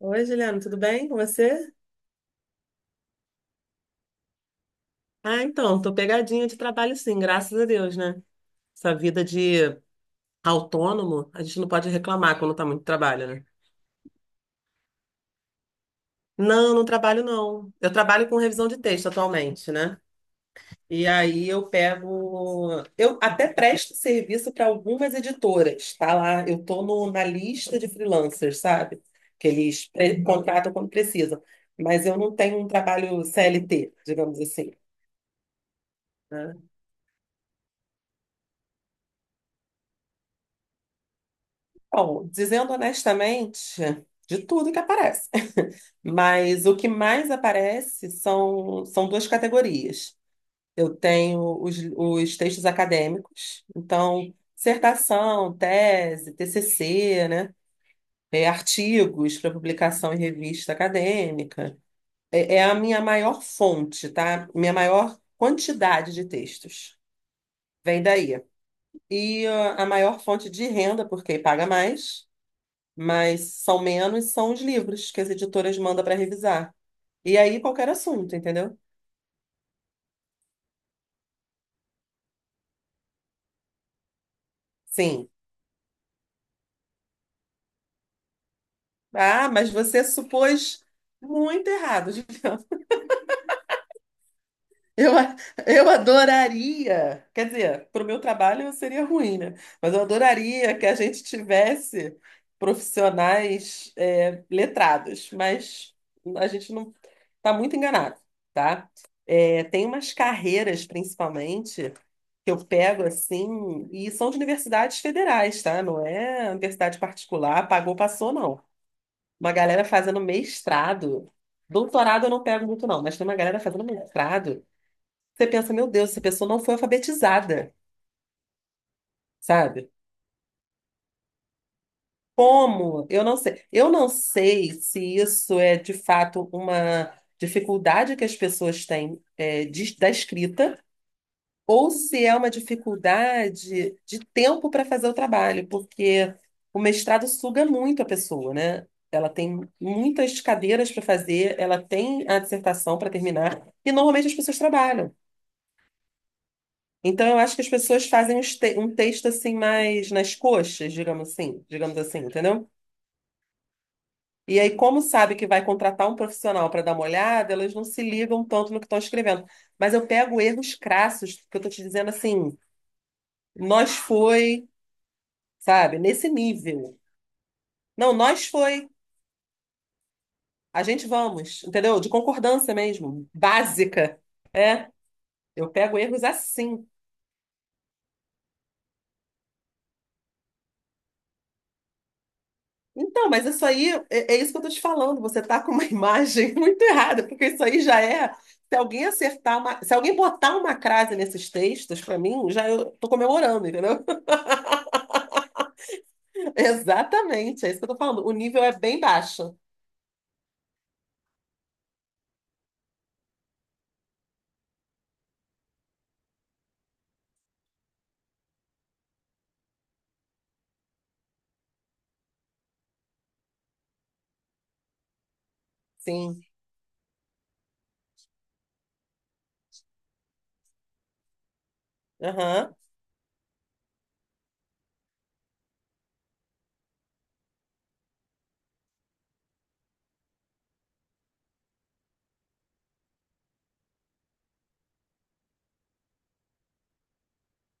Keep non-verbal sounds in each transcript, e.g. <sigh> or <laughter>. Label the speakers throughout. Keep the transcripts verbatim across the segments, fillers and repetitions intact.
Speaker 1: Oi, Juliana, tudo bem com você? Ah, então, tô pegadinha de trabalho, sim, graças a Deus, né? Essa vida de autônomo, a gente não pode reclamar quando tá muito trabalho, né? Não, não trabalho, não. Eu trabalho com revisão de texto atualmente, né? E aí eu pego, eu até presto serviço para algumas editoras, tá, lá eu tô no- na lista de freelancers, sabe? Que eles pre- contratam quando precisam, mas eu não tenho um trabalho C L T, digamos assim, né? Bom, dizendo honestamente, de tudo que aparece. <laughs> Mas o que mais aparece são, são duas categorias. Eu tenho os, os textos acadêmicos, então, dissertação, tese, T C C, né? É, artigos para publicação em revista acadêmica. É, é a minha maior fonte, tá? Minha maior quantidade de textos. Vem daí. E ah, a maior fonte de renda, porque paga mais, mas são menos, são os livros que as editoras mandam para revisar. E aí qualquer assunto, entendeu? Sim. Ah, mas você supôs muito errado. <laughs> Eu, a- eu adoraria, quer dizer, para o meu trabalho seria ruim, né? Mas eu adoraria que a gente tivesse profissionais é, letrados, mas a gente não tá muito enganado, tá? É, tem umas carreiras, principalmente, que eu pego assim, e são de universidades federais, tá? Não é universidade particular, pagou, passou, não. Uma galera fazendo mestrado. Doutorado eu não pego muito, não, mas tem uma galera fazendo mestrado. Você pensa, meu Deus, essa pessoa não foi alfabetizada, sabe? Como? Eu não sei. Eu não sei se isso é de fato uma dificuldade que as pessoas têm, é, de- da escrita, ou se é uma dificuldade de tempo para fazer o trabalho, porque o mestrado suga muito a pessoa, né? Ela tem muitas cadeiras para fazer, ela tem a dissertação para terminar, e normalmente as pessoas trabalham. Então, eu acho que as pessoas fazem uns te- um texto assim, mais nas coxas, digamos assim, digamos assim, entendeu? E aí, como sabe que vai contratar um profissional para dar uma olhada, elas não se ligam tanto no que estão escrevendo. Mas eu pego erros crassos, que eu estou te dizendo, assim, nós foi. Sabe? Nesse nível. Não, nós foi. A gente vamos, entendeu? De concordância mesmo, básica. Eu pego erros assim. Então, mas isso aí, é, é isso que eu tô te falando. Você tá com uma <laughs> imagem muito errada, porque isso aí já é. Se alguém acertar uma, se alguém botar uma crase nesses textos, para mim, já eu tô comemorando, entendeu? <laughs> Exatamente, é isso que eu tô falando. O nível é bem baixo. Sim. Aham.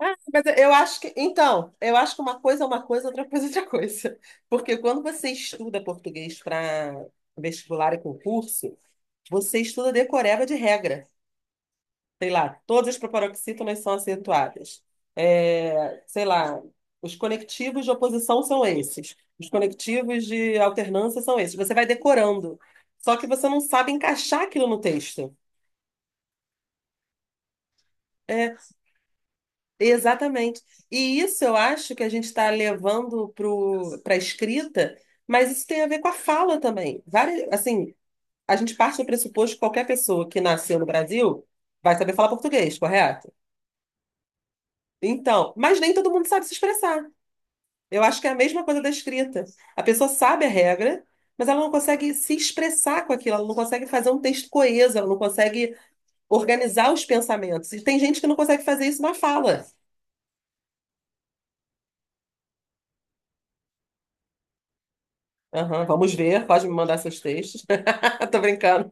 Speaker 1: Ah, mas eu acho que, então, eu acho que uma coisa é uma coisa, outra coisa é outra coisa. Porque quando você estuda português para vestibular e concurso, você estuda decoreba de regra. Sei lá, todas as proparoxítonas são acentuadas. É, sei lá, os conectivos de oposição são esses. Os conectivos de alternância são esses. Você vai decorando. Só que você não sabe encaixar aquilo no texto. É, Exatamente. E isso eu acho que a gente está levando para a escrita, mas isso tem a ver com a fala também. Várias, assim, a gente parte do pressuposto que qualquer pessoa que nasceu no Brasil vai saber falar português, correto? Então, mas nem todo mundo sabe se expressar. Eu acho que é a mesma coisa da escrita. A pessoa sabe a regra, mas ela não consegue se expressar com aquilo, ela não consegue fazer um texto coeso, ela não consegue organizar os pensamentos. E tem gente que não consegue fazer isso na fala. Aham, vamos ver, pode me mandar seus textos. Eu tô brincando.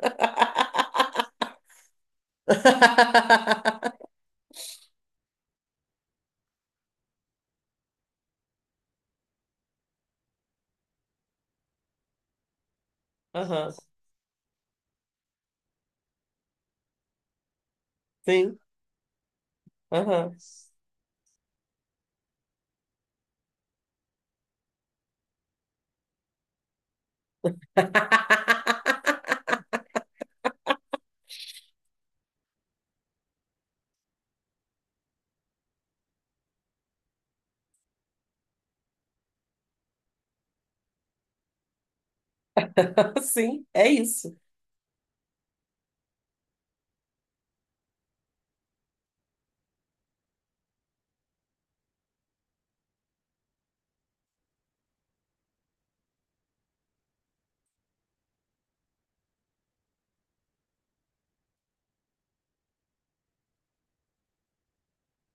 Speaker 1: <laughs> Aham. Sim. Aham. <laughs> Sim, é isso.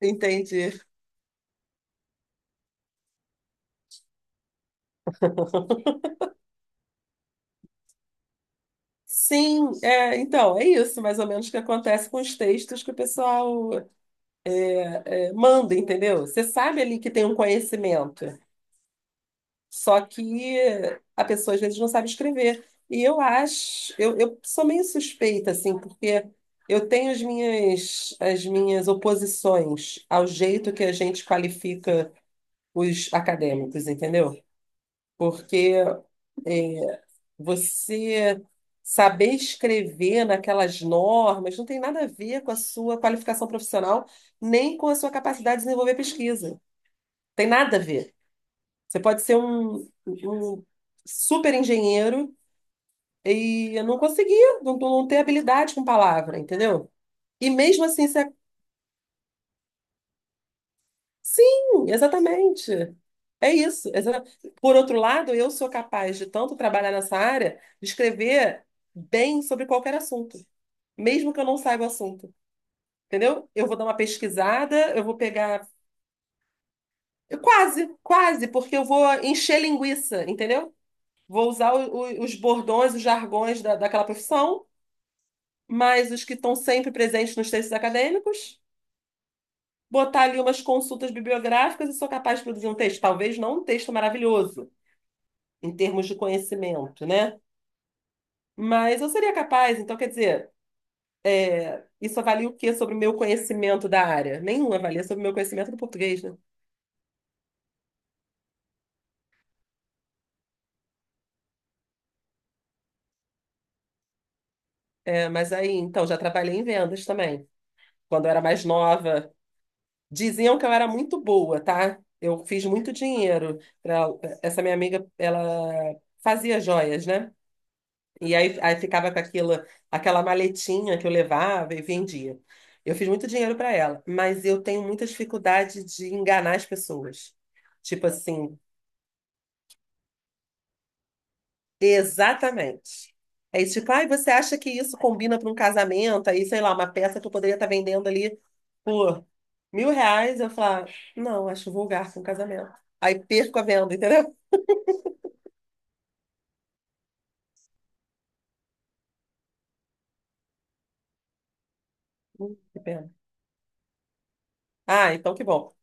Speaker 1: Entendi. Sim, é, então, é isso mais ou menos que acontece com os textos que o pessoal é, manda, entendeu? Você sabe ali que tem um conhecimento, só que a pessoa às vezes não sabe escrever. E eu acho, eu, eu sou meio suspeita, assim, porque eu tenho as minhas, as minhas oposições ao jeito que a gente qualifica os acadêmicos, entendeu? Porque é, você saber escrever naquelas normas não tem nada a ver com a sua qualificação profissional, nem com a sua capacidade de desenvolver pesquisa. Tem nada a ver. Você pode ser um, um super engenheiro e não conseguir, não, não ter habilidade com palavra, entendeu? E mesmo assim ser, sim, exatamente. É isso. exa- Por outro lado, eu sou capaz de tanto trabalhar nessa área, de escrever bem sobre qualquer assunto, mesmo que eu não saiba o assunto. Entendeu? Eu vou dar uma pesquisada, eu vou pegar. Eu Quase, quase, porque eu vou encher linguiça, entendeu? Vou usar o- o- os bordões, os jargões da, daquela profissão, mas os que estão sempre presentes nos textos acadêmicos, botar ali umas consultas bibliográficas e sou capaz de produzir um texto. Talvez não um texto maravilhoso em termos de conhecimento, né? Mas eu seria capaz, então, quer dizer, isso avalia o quê sobre o meu conhecimento da área? Nenhum avalia sobre o meu conhecimento do português, né? É, mas aí, então, já trabalhei em vendas também. Quando eu era mais nova, diziam que eu era muito boa, tá? Eu fiz muito dinheiro. pra- Essa minha amiga, ela fazia joias, né? E aí, aí ficava com aquela, aquela maletinha que eu levava e vendia. Eu fiz muito dinheiro para ela, mas eu tenho muita dificuldade de enganar as pessoas. Tipo assim, exatamente. Aí, tipo, ai, você acha que isso combina para um casamento? Aí, sei lá, uma peça que eu poderia estar vendendo ali por mil reais, eu falo não, acho vulgar para um casamento. Aí perco a venda, entendeu? Hum, Que pena. Ah, então que bom.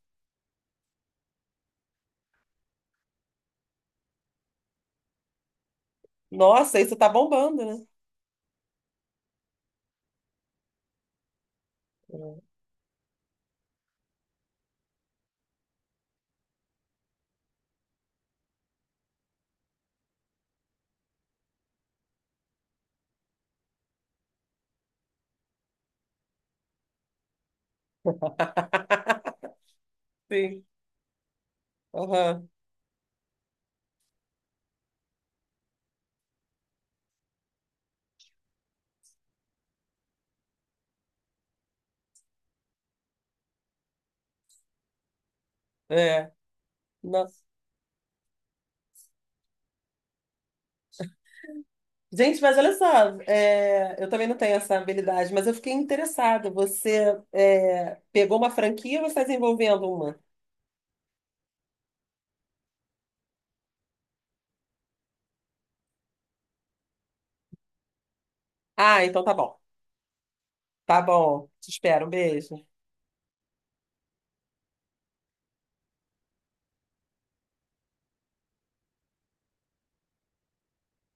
Speaker 1: Nossa, isso tá bombando, né? Hum. <laughs> Sim. Aham. É. Não. Gente, mas olha só, é, eu também não tenho essa habilidade, mas eu fiquei interessada. Você é, pegou uma franquia ou você está desenvolvendo uma? Ah, então tá bom. Tá bom. Te espero. Um beijo.